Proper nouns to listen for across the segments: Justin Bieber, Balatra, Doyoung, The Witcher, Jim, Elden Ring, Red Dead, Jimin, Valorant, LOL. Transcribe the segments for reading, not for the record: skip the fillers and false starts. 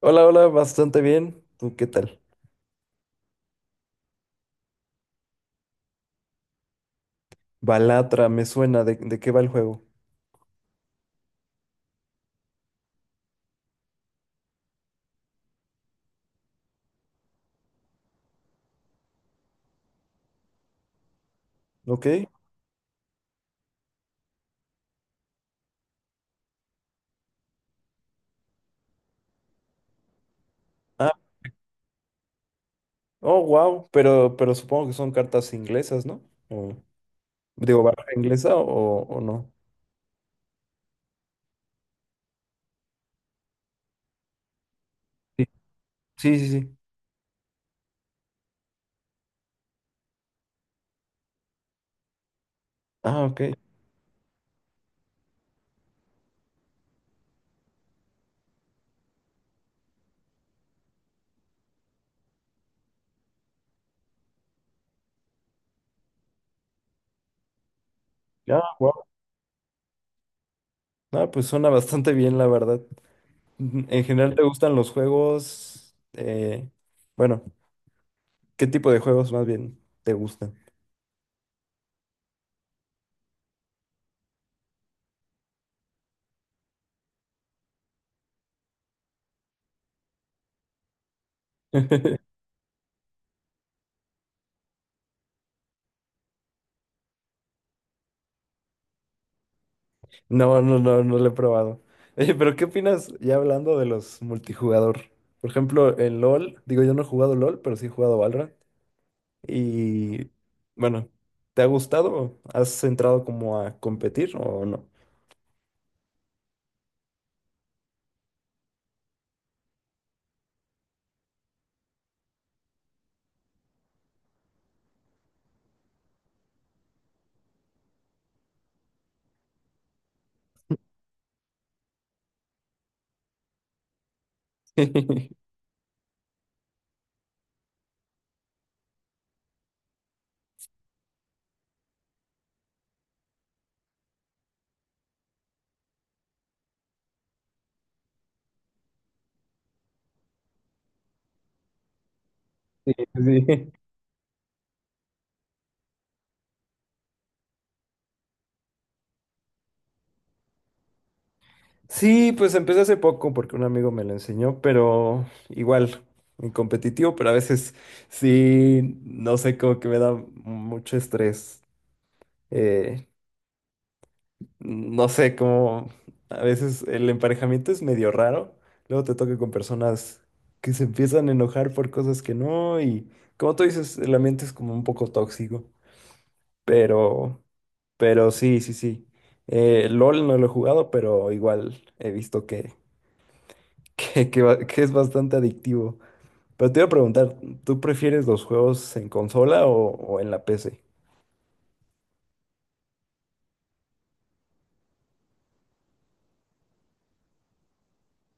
Hola, hola, bastante bien. ¿Tú qué tal? Balatra, me suena de qué va el juego. ¿Ok? Ah, oh, wow. Pero supongo que son cartas inglesas, ¿no? O- Digo, barra inglesa o no. Sí, sí, sí, sí. Ah, ok. Ah, wow. Ah, pues suena bastante bien, la verdad. En general, ¿te gustan los juegos? Bueno, ¿qué tipo de juegos más bien te gustan? No, no, no, no lo he probado. Oye, pero ¿qué opinas ya hablando de los multijugador? Por ejemplo, en LOL, digo, yo no he jugado LOL, pero sí he jugado Valorant. Y bueno, ¿te ha gustado? ¿Has entrado como a competir o no? Sí, sí. Sí, pues empecé hace poco porque un amigo me lo enseñó, pero igual, en competitivo, pero a veces sí, no sé, como que me da mucho estrés. Eh, No sé, como a veces el emparejamiento es medio raro. Luego te toca con personas que se empiezan a enojar por cosas que no, y como tú dices, el ambiente es como un poco tóxico. Pero, pero sí, sí, sí. LOL no lo he jugado, pero igual he visto que es bastante adictivo. Pero te iba a preguntar, ¿tú prefieres los juegos en consola o en la PC?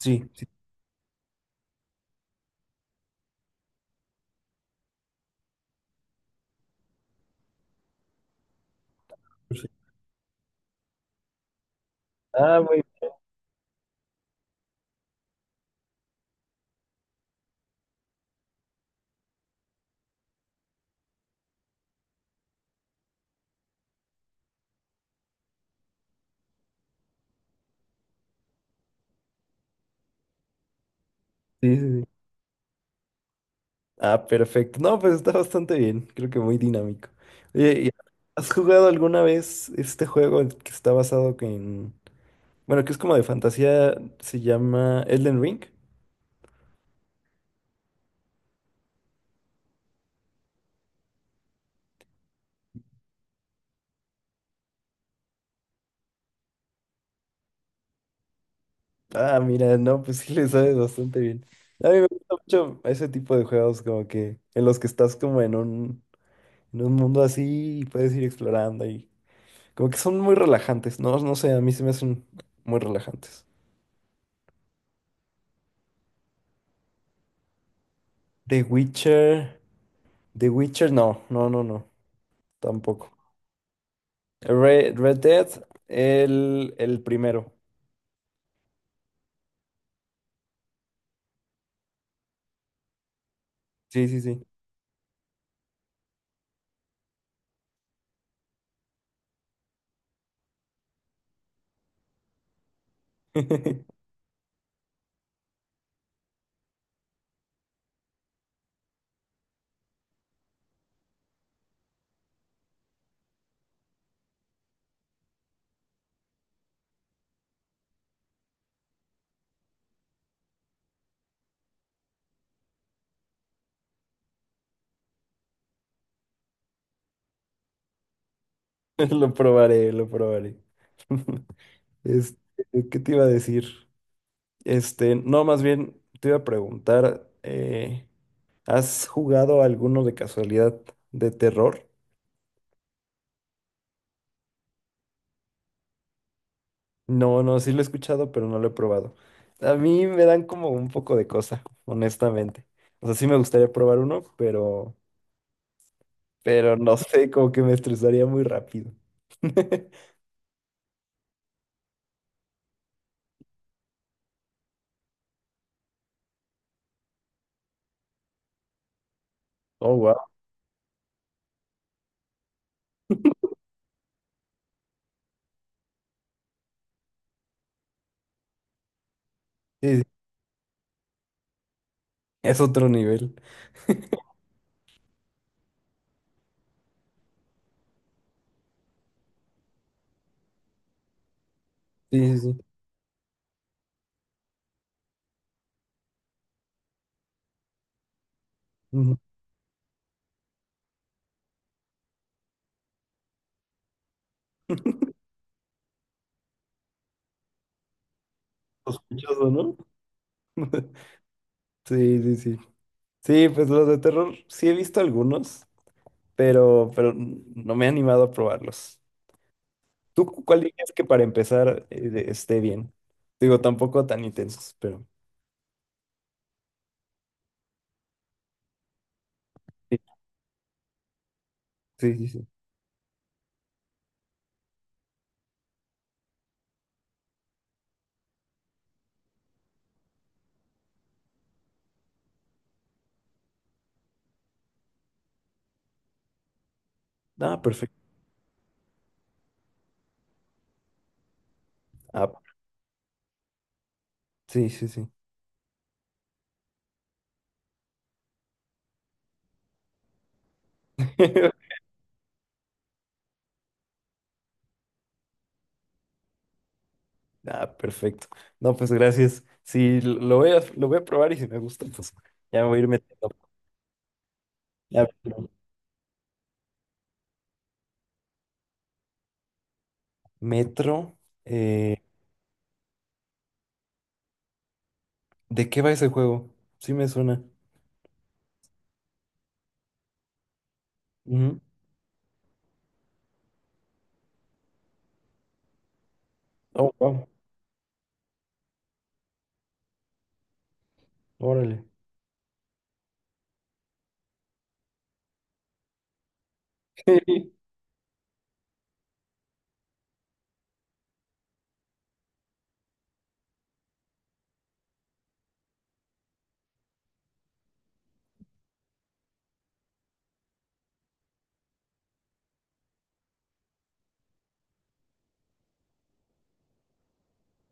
Sí, sí. Sí. Ah, muy bien. Sí, sí, sí. Ah, perfecto. No, pues está bastante bien. Creo que muy dinámico. Oye, ¿has jugado alguna vez este que está basado que en... Bueno, que es como de fantasía, se llama Elden Ring? Ah, mira, no, pues sí le sabes bastante bien. A mí me gusta mucho ese tipo de juegos, como que en los que estás como en en un mundo así y puedes ir explorando, y como que son muy relajantes, ¿no? No sé, a mí se me hacen muy relajantes. The Witcher, The Witcher, no, no, no, no, tampoco. Red Dead, el primero. Sí, sí, sí. Lo probaré, lo probaré. Este, ¿qué te iba a decir? Este, no, más bien te iba a preguntar, ¿has jugado alguno de casualidad de terror? No, no, sí lo he escuchado, pero no lo he probado. A mí me dan como un poco de cosa, honestamente. O sea, sí me gustaría probar uno, pero no sé, como que me estresaría muy rápido. Oh, wow. Es otro nivel. Sí, sí, sí. Ujú. Sospechoso, ¿no? Sí, sí, sí. Sí, pues los de terror sí he visto algunos, pero no me he animado a probarlos. ¿Tú cuál dirías que para empezar, esté bien? Digo, tampoco tan intensos, pero sí, sí, sí, sí. Ah, perfecto. Ah, sí, sí, sí. Ah, perfecto. No, pues gracias. Sí, lo voy lo voy a probar, y si me gusta, pues ya voy a ir metiendo. Ya, pero metro. eh, ¿De qué va ese juego? Sí me suena. Ujú. Oh, wow. Órale.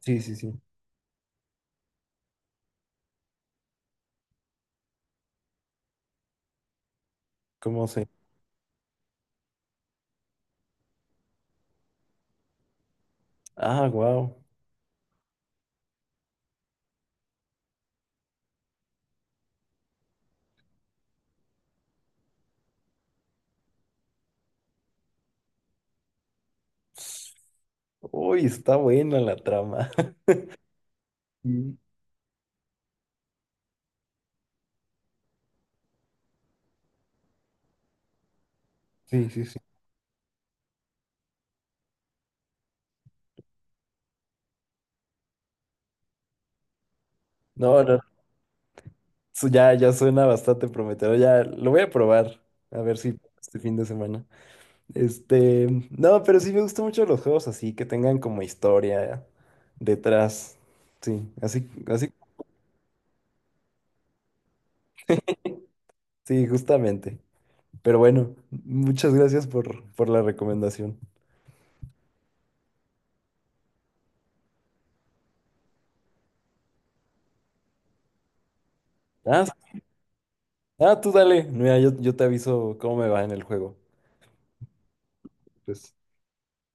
Sí, sí, sí. ¿Cómo se? Ah, wow. Uy, está buena la trama. Mm. Sí, sí, sí. No, no. Ya, ya suena bastante prometedor. Ya lo voy a probar. A ver si este fin de semana. Este. No, pero sí me gustan mucho los juegos así, que tengan como historia detrás. Sí, así, así. Sí, justamente. Pero bueno, muchas gracias por la recomendación. Ah, ah, tú dale. Mira, yo te aviso cómo me va en el juego. Pues